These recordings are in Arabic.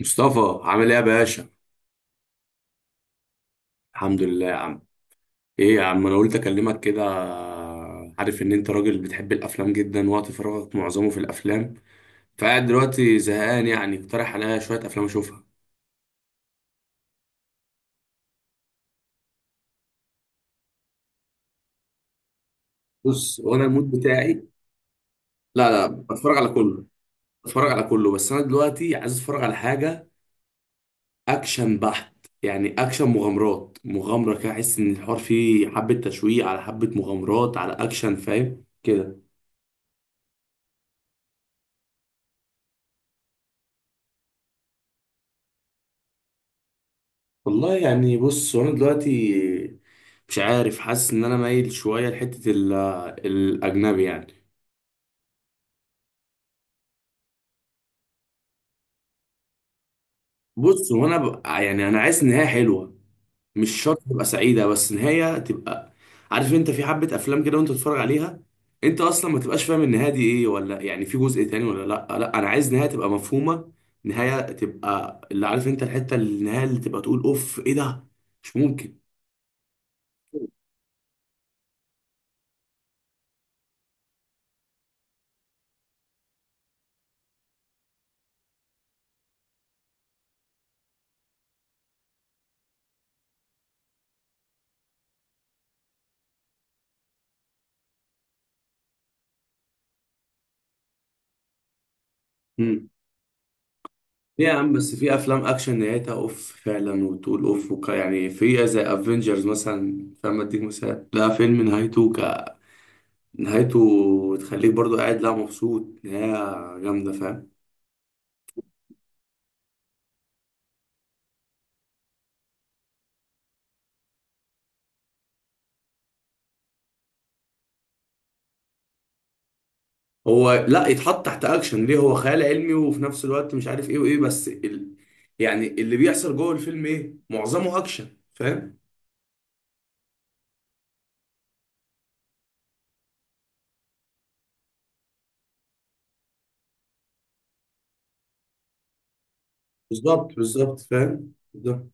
مصطفى عامل ايه يا باشا؟ الحمد لله يا عم. ايه يا عم، انا قلت اكلمك كده. عارف ان انت راجل بتحب الافلام جدا، وقت فراغك معظمه في الافلام. فقاعد دلوقتي زهقان، يعني اقترح عليا شويه افلام اشوفها. بص، وانا المود بتاعي لا لا بتفرج على كله. بس انا دلوقتي عايز اتفرج على حاجه اكشن بحت، يعني اكشن مغامرات، مغامره كده، احس ان الحوار فيه حبه تشويق على حبه مغامرات على اكشن، فاهم كده؟ والله يعني بص انا دلوقتي مش عارف، حاسس ان انا مايل شويه لحته الاجنبي يعني. بص وانا بقى، يعني انا عايز نهايه حلوه، مش شرط تبقى سعيده، بس نهايه تبقى. عارف انت في حبه افلام كده وانت تتفرج عليها انت اصلا ما تبقاش فاهم النهايه دي ايه، ولا يعني في جزء تاني ولا لا؟ لا انا عايز نهايه تبقى مفهومه، نهايه تبقى اللي عارف انت الحته النهايه اللي تبقى تقول اوف ايه ده، مش ممكن. يا عم بس في افلام اكشن نهايتها اوف فعلا، وتقول اوف وك، يعني في زي افنجرز مثلا، فاهم؟ اديك مثال، لا فيلم نهايته ك، نهايته تخليك برضو قاعد، لا مبسوط، نهاية جامدة، فاهم؟ هو لا يتحط تحت اكشن ليه، هو خيال علمي، وفي نفس الوقت مش عارف ايه وايه، بس يعني اللي بيحصل جوه الفيلم ايه؟ معظمه اكشن، فاهم؟ بالظبط بالظبط، فاهم بالظبط.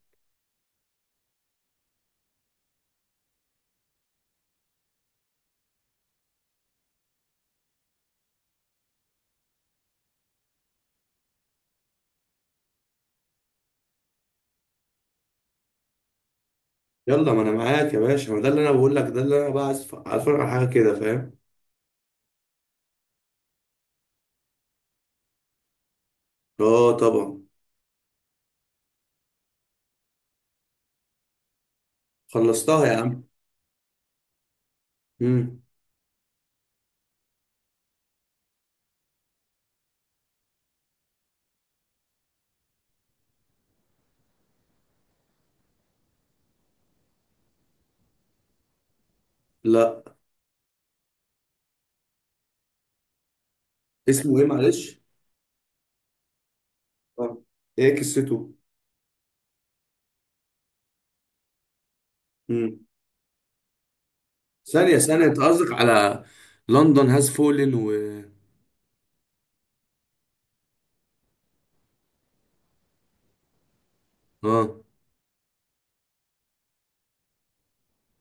يلا ما انا معاك يا باشا، ما ده اللي انا بقول لك، ده اللي انا بقى عايز عايز اتفرج على حاجة كده، فاهم؟ اه طبعا. خلصتها يا عم. مم. لا. اسمه ايه معلش؟ آه. ايه قصته؟ مم. ثانية ثانية، انت قصدك على لندن هاز فولن و... اه.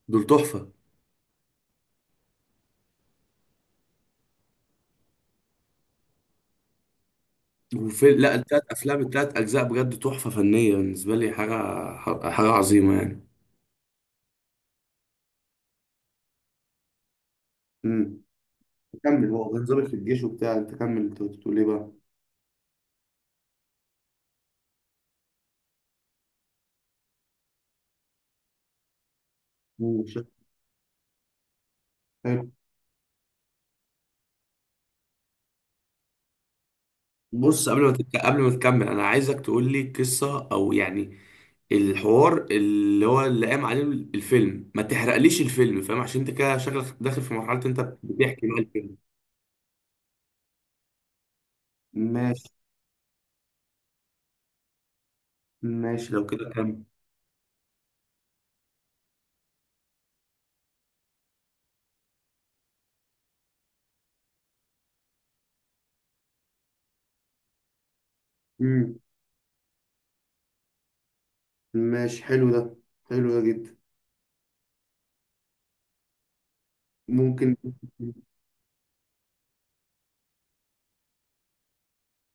دول تحفة. وفي، لا، التلات افلام، التلات اجزاء بجد تحفة فنية بالنسبة لي، حاجة حاجة عظيمة يعني. امم. كمل، هو كان ظابط في الجيش وبتاع، انت كمل، انت كنت بتقول ايه بقى؟ مم. شكله حلو. بص قبل ما قبل ما تكمل، انا عايزك تقول لي قصه، او يعني الحوار اللي هو اللي قام عليه الفيلم، ما تحرقليش الفيلم، فاهم؟ عشان انت كده شكلك داخل في مرحله انت بتحكي بقى الفيلم. ماشي. ماشي لو كده كمل. امم. ماشي، حلو ده، حلو ده جدا. ممكن.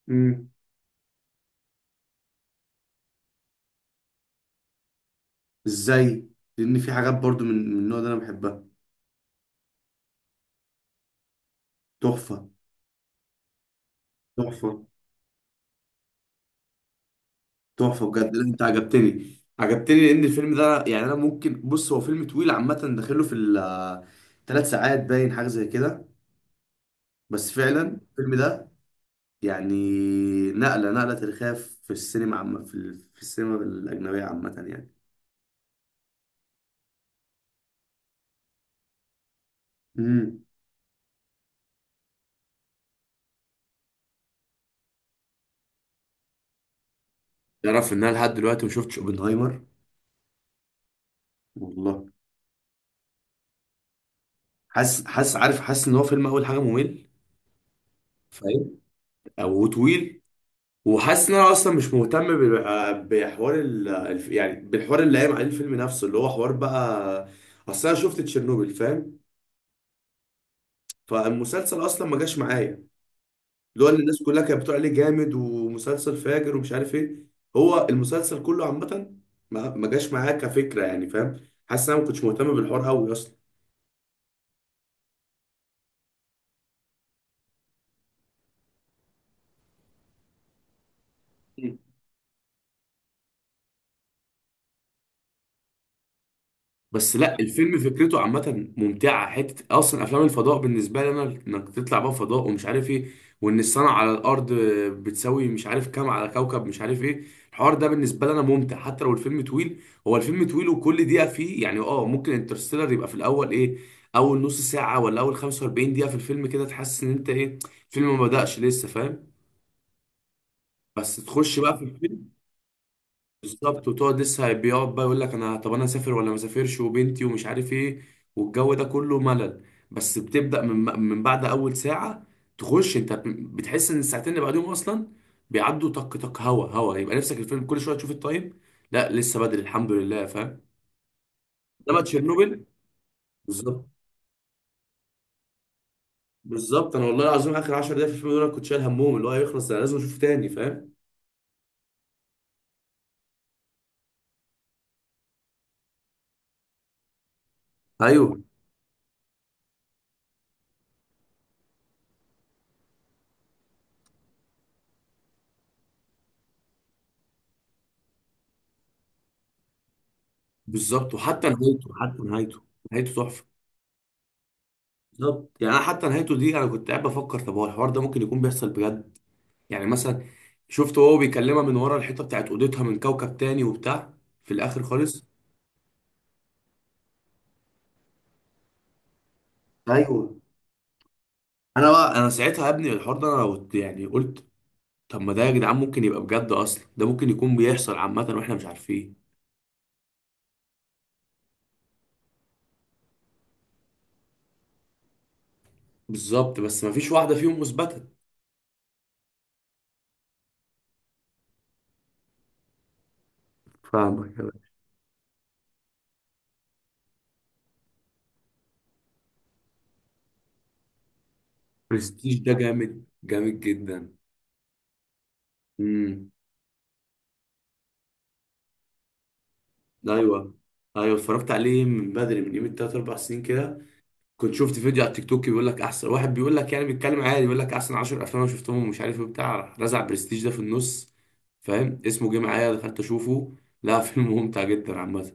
امم. ازاي؟ لان في حاجات برضو من النوع ده انا بحبها. تحفة، تحفة. تحفه بجد، لا، انت عجبتني، عجبتني، لان الفيلم ده يعني انا ممكن، بص هو فيلم طويل عامه، داخله في الثلاث ساعات باين، حاجه زي كده. بس فعلا الفيلم ده يعني نقله، نقله تاريخيه في السينما عامه، في في السينما الاجنبيه عامه يعني. امم. تعرف ان انا لحد دلوقتي ما شفتش اوبنهايمر؟ والله. حاسس، حاسس، عارف، حاسس ان هو فيلم اول حاجه ممل، فاهم؟ او طويل. وحاسس ان انا اصلا مش مهتم بحوار يعني بالحوار اللي قايم عليه الفيلم نفسه، اللي هو حوار بقى. اصل انا شفت تشيرنوبل فاهم؟ فالمسلسل اصلا ما جاش معايا، اللي هو اللي الناس كلها كانت بتقول عليه جامد ومسلسل فاجر ومش عارف ايه. هو المسلسل كله عامه ما جاش معايا كفكره يعني، فاهم؟ حاسس ان انا ما كنتش مهتم بالحوار قوي اصلا. بس لا الفيلم فكرته عامة ممتعة، حتة أصلا أفلام الفضاء بالنسبة لي أنا إنك تطلع بقى فضاء ومش عارف إيه، وإن السنة على الأرض بتساوي مش عارف كام على كوكب مش عارف إيه، الحوار ده بالنسبة لي أنا ممتع حتى لو الفيلم طويل. هو الفيلم طويل وكل دقيقة فيه يعني أه، ممكن انترستيلر يبقى في الأول إيه، أول نص ساعة ولا أول 45 دقيقة في الفيلم كده تحس إن أنت إيه، الفيلم ما بدأش لسه، فاهم؟ بس تخش بقى في الفيلم بالظبط، وتقعد لسه بيقعد بقى يقول لك انا طب انا اسافر ولا ما اسافرش، وبنتي ومش عارف ايه، والجو ده كله ملل. بس بتبدا من بعد اول ساعه تخش انت، بتحس ان الساعتين اللي بعدهم اصلا بيعدوا طق طق هوا هوا، يبقى نفسك الفيلم كل شويه تشوف التايم، لا لسه بدري الحمد لله، فاهم؟ انما تشيرنوبل. بالظبط، بالظبط، انا والله العظيم اخر 10 دقايق في الفيلم دول أنا كنت شايل همهم، اللي هو يخلص، انا لازم اشوفه تاني فاهم؟ ايوه. بالظبط، وحتى نهايته، حتى نهايته، نهايته تحفه. بالظبط، يعني انا حتى نهايته دي انا كنت قاعد بفكر، طب هو الحوار ده ممكن يكون بيحصل بجد؟ يعني مثلا شفت هو بيكلمها من ورا الحيطه بتاعت اوضتها من كوكب تاني وبتاع، في الاخر خالص. ايوه. انا بقى انا ساعتها يا ابني الحوار ده انا قلت يعني، قلت طب ما ده يا جدعان ممكن يبقى بجد، اصلا ده ممكن يكون بيحصل عامه واحنا مش عارفين. بالظبط، بس ما فيش واحده فيهم اثبتت. فاهمك. برستيج ده جامد، جامد جدا. امم. ايوه، ايوه اتفرجت عليه من بدري، من يومين، تلات اربع سنين كده، كنت شفت فيديو على التيك توك بيقول لك احسن واحد، بيقول لك يعني، بيتكلم عادي بيقول لك احسن 10 افلام انا شفتهم ومش عارف ايه بتاع، راح رزع برستيج ده في النص، فاهم؟ اسمه جه معايا، دخلت اشوفه. لا فيلم ممتع جدا عامه.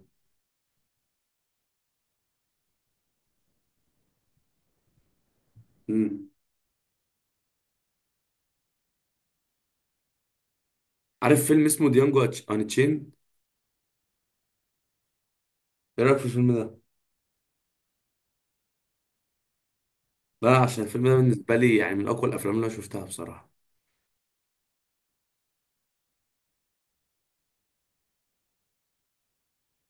مم. عارف فيلم اسمه ديانجو ان تشين؟ ايه رايك في الفيلم ده؟ لا، عشان الفيلم ده بالنسبه لي يعني من اقوى الافلام اللي انا شفتها بصراحه.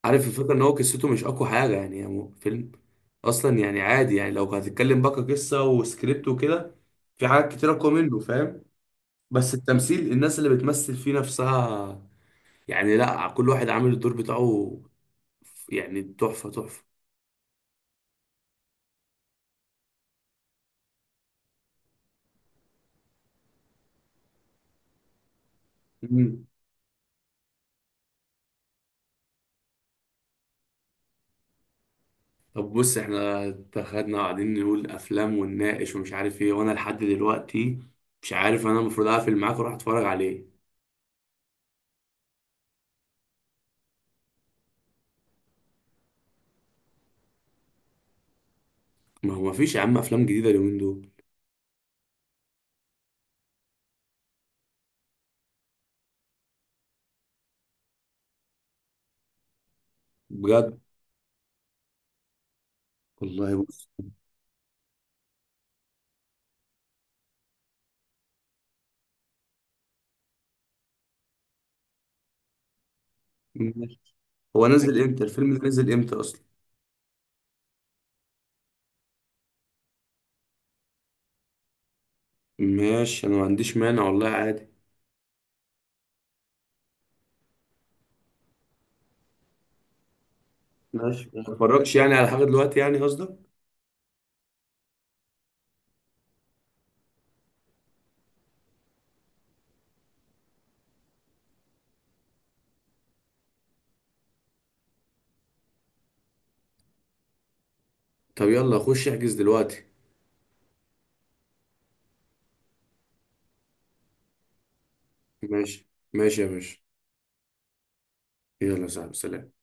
عارف الفكره ان هو قصته مش اقوى حاجه، يعني هو فيلم اصلا يعني عادي، يعني لو هتتكلم بقى قصه وسكريبت وكده في حاجات كتير اقوى منه، فاهم؟ بس التمثيل، الناس اللي بتمثل فيه نفسها، يعني لا كل واحد عامل الدور بتاعه، يعني تحفة، تحفة. مم. طب بص احنا اتخدنا قاعدين نقول افلام ونناقش ومش عارف ايه، وانا لحد دلوقتي مش عارف انا المفروض اقفل معاك واروح اتفرج على ايه. ما هو مفيش يا عم افلام جديدة اليومين دول. بجد؟ والله بص. ماشي. هو نزل امتى الفيلم ده، نزل امتى اصلا؟ ماشي، انا ما عنديش مانع والله، عادي. ماشي، ما اتفرجش يعني على حاجة دلوقتي يعني قصدك؟ طب يلا خش احجز دلوقتي. ماشي ماشي يا باشا. يلا يا صاحبي، سلام.